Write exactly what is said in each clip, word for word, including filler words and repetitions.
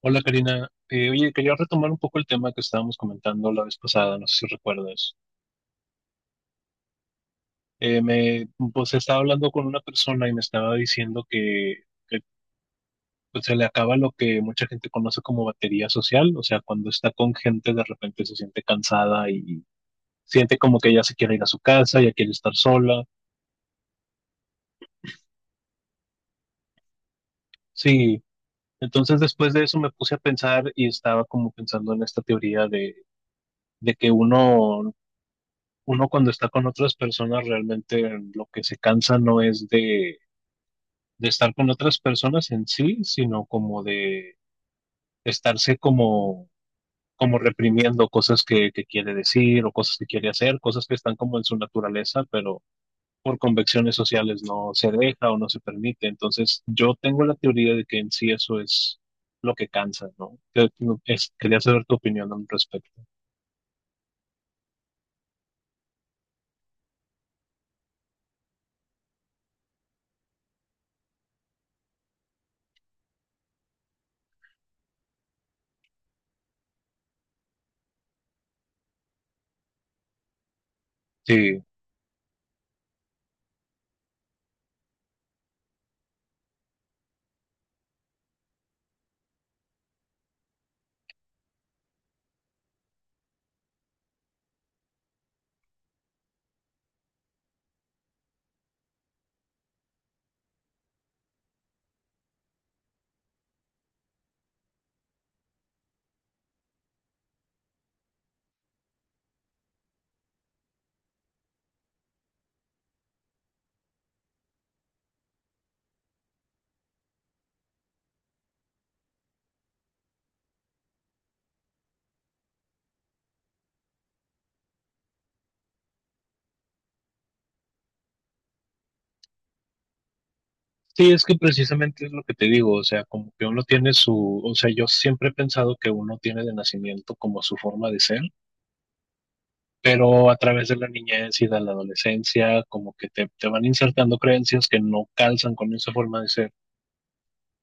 Hola Karina, Eh, oye, quería retomar un poco el tema que estábamos comentando la vez pasada, no sé si recuerdas. Eh, me, pues estaba hablando con una persona y me estaba diciendo que, que, pues, se le acaba lo que mucha gente conoce como batería social, o sea, cuando está con gente de repente se siente cansada y siente como que ya se quiere ir a su casa, ya quiere estar sola. Sí, entonces después de eso me puse a pensar y estaba como pensando en esta teoría de, de que uno uno cuando está con otras personas realmente lo que se cansa no es de, de estar con otras personas en sí, sino como de estarse como, como reprimiendo cosas que, que quiere decir o cosas que quiere hacer, cosas que están como en su naturaleza, pero por convenciones sociales no se deja o no se permite. Entonces yo tengo la teoría de que en sí eso es lo que cansa, ¿no? Que- no, es- Quería saber tu opinión al respecto. Sí. Sí, es que precisamente es lo que te digo, o sea, como que uno tiene su, o sea, yo siempre he pensado que uno tiene de nacimiento como su forma de ser, pero a través de la niñez y de la adolescencia, como que te, te van insertando creencias que no calzan con esa forma de ser.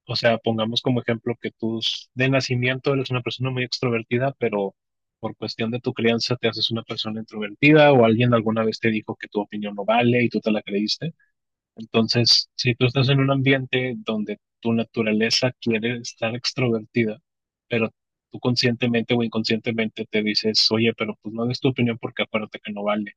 O sea, pongamos como ejemplo que tú s- de nacimiento eres una persona muy extrovertida, pero por cuestión de tu crianza te haces una persona introvertida o alguien alguna vez te dijo que tu opinión no vale y tú te la creíste. Entonces, si tú estás en un ambiente donde tu naturaleza quiere estar extrovertida, pero tú conscientemente o inconscientemente te dices, oye, pero pues no des tu opinión porque acuérdate que no vale.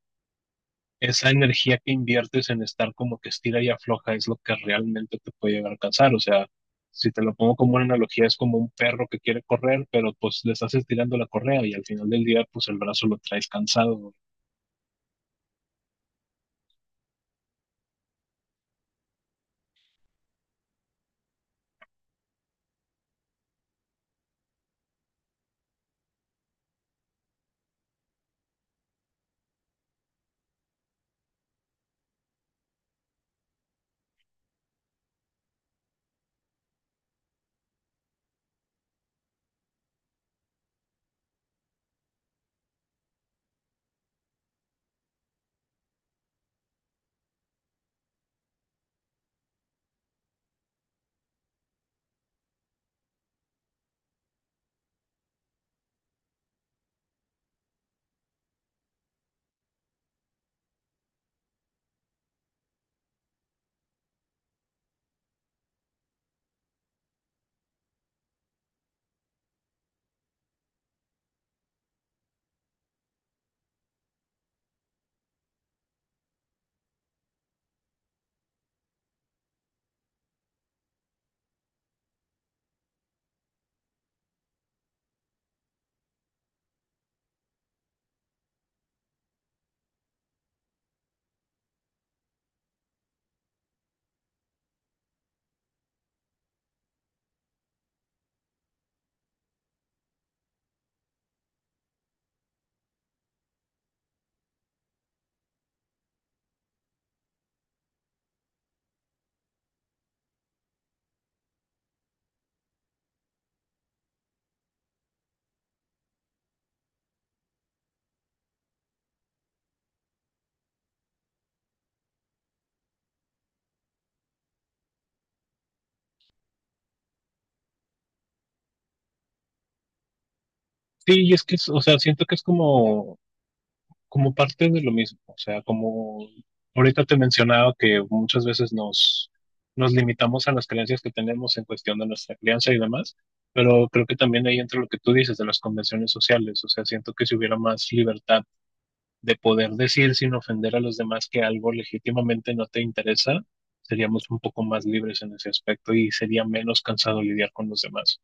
Esa energía que inviertes en estar como que estira y afloja es lo que realmente te puede llegar a cansar. O sea, si te lo pongo como una analogía, es como un perro que quiere correr, pero pues le estás estirando la correa y al final del día, pues el brazo lo traes cansado. Sí, y es que, es- o sea, siento que es como como parte de lo mismo, o sea, como ahorita te mencionaba que muchas veces nos, nos limitamos a las creencias que tenemos en cuestión de nuestra crianza y demás, pero creo que también ahí entra lo que tú dices de las convenciones sociales, o sea, siento que si hubiera más libertad de poder decir sin ofender a los demás que algo legítimamente no te interesa, seríamos un poco más libres en ese aspecto y sería menos cansado lidiar con los demás.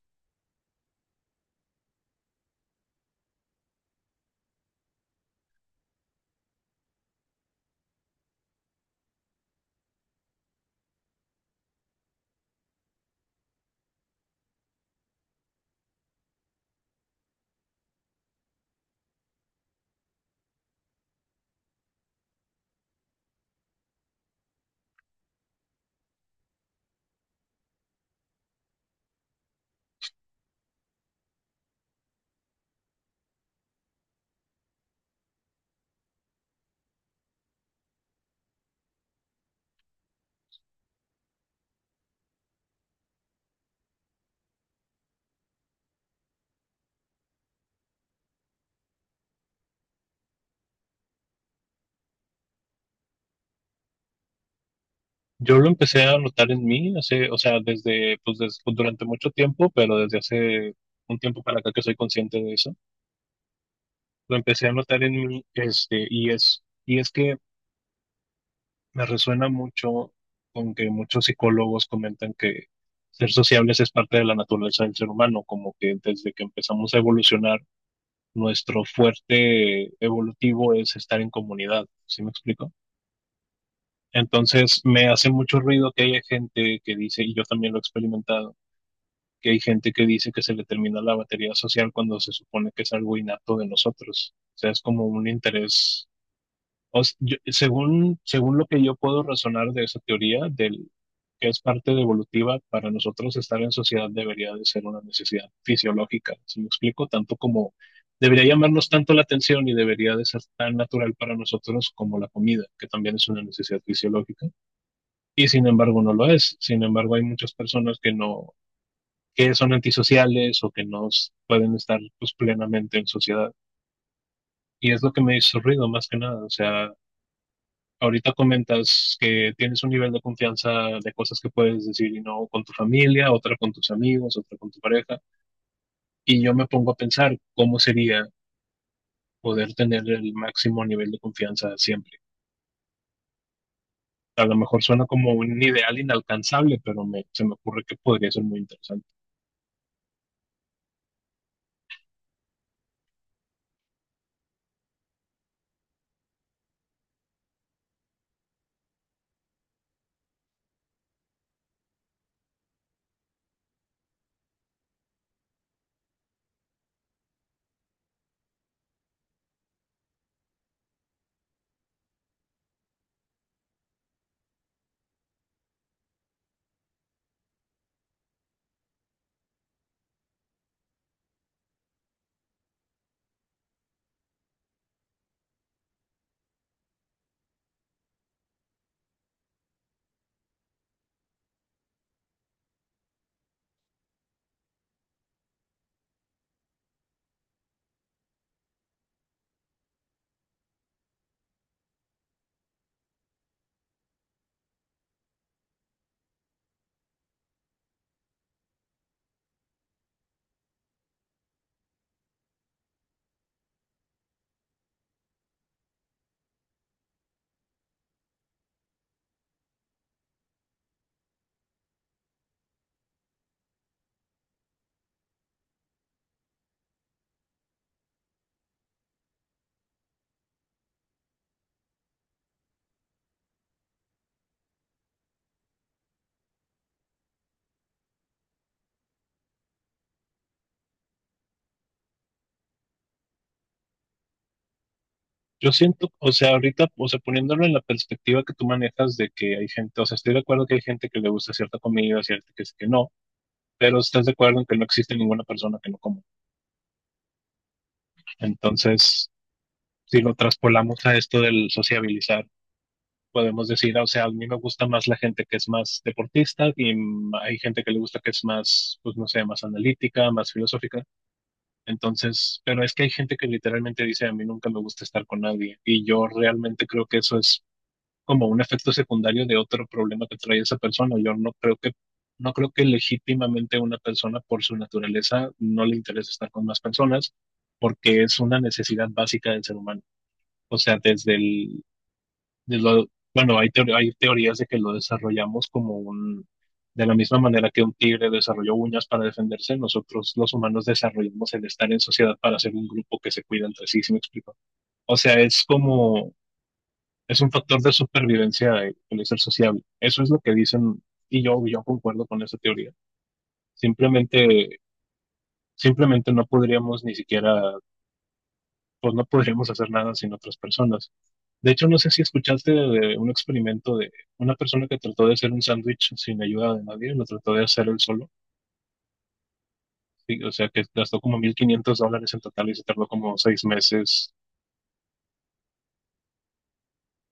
Yo lo empecé a notar en mí hace, o sea, desde, pues des- pues, durante mucho tiempo, pero desde hace un tiempo para acá que soy consciente de eso. Lo empecé a notar en mí, este, y es, y es que me resuena mucho con que muchos psicólogos comentan que ser sociables es parte de la naturaleza del ser humano, como que desde que empezamos a evolucionar, nuestro fuerte evolutivo es estar en comunidad. ¿Sí me explico? Entonces, me hace mucho ruido que haya gente que dice, y yo también lo he experimentado que hay gente que dice que se le termina la batería social cuando se supone que es algo innato de nosotros. O sea, es como un interés. O s- yo- según, según lo que yo puedo razonar de esa teoría, del que es parte de evolutiva, para nosotros estar en sociedad debería de ser una necesidad fisiológica. ¿Si me explico? Tanto como debería llamarnos tanto la atención y debería de ser tan natural para nosotros como la comida, que también es una necesidad fisiológica. Y sin embargo no lo es. Sin embargo, hay muchas personas que no que son antisociales o que no pueden estar pues, plenamente en sociedad. Y es lo que me hizo ruido más que nada. O sea, ahorita comentas que tienes un nivel de confianza de cosas que puedes decir y no con tu familia, otra con tus amigos, otra con tu pareja. Y yo me pongo a pensar cómo sería poder tener el máximo nivel de confianza siempre. A lo mejor suena como un ideal inalcanzable, pero me, se me ocurre que podría ser muy interesante. Yo siento, o sea, ahorita, o sea, poniéndolo en la perspectiva que tú manejas de que hay gente, o sea, estoy de acuerdo que hay gente que le gusta cierta comida, cierta que, sí, que no, pero estás de acuerdo en que no existe ninguna persona que no coma. Entonces, si lo traspolamos a esto del sociabilizar, podemos decir, o sea, a mí me gusta más la gente que es más deportista y mm, hay gente que le gusta que es más, pues no sé, más analítica, más filosófica. Entonces, pero es que hay gente que literalmente dice, a mí nunca me gusta estar con nadie y yo realmente creo que eso es como un efecto secundario de otro problema que trae esa persona. Yo no creo que, no creo que legítimamente una persona por su naturaleza no le interese estar con más personas porque es una necesidad básica del ser humano. O sea, desde el, de lo- bueno, hay, teor- hay teorías de que lo desarrollamos como un, de la misma manera que un tigre desarrolló uñas para defenderse, nosotros los humanos desarrollamos el estar en sociedad para ser un grupo que se cuida entre sí, ¿sí me explico? O sea, es como es un factor de supervivencia el el ser sociable. Eso es lo que dicen y yo, yo concuerdo con esa teoría. Simplemente, simplemente no podríamos ni siquiera, pues no podríamos hacer nada sin otras personas. De hecho, no sé si escuchaste de, de un experimento de una persona que trató de hacer un sándwich sin ayuda de nadie, lo trató de hacer él solo. Sí, o sea, que gastó como mil quinientos dólares en total y se tardó como seis meses.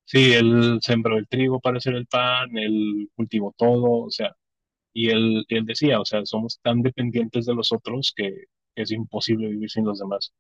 Sí, él sembró el trigo para hacer el pan, él cultivó todo, o sea, y él, él decía, o sea, somos tan dependientes de los otros que es imposible vivir sin los demás.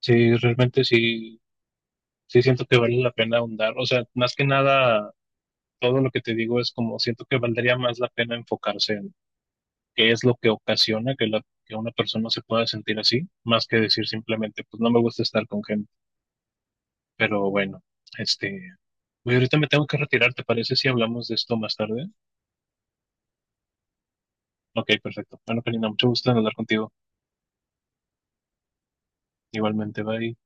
Sí, realmente sí, sí, siento que vale la pena ahondar. O sea, más que nada, todo lo que te digo es como siento que valdría más la pena enfocarse en qué es lo que ocasiona que, la, que una persona se pueda sentir así, más que decir simplemente, pues no me gusta estar con gente. Pero bueno, este, güey, ahorita me tengo que retirar, ¿te parece si hablamos de esto más tarde? Ok, perfecto. Bueno, Karina, mucho gusto en hablar contigo. Igualmente, bye.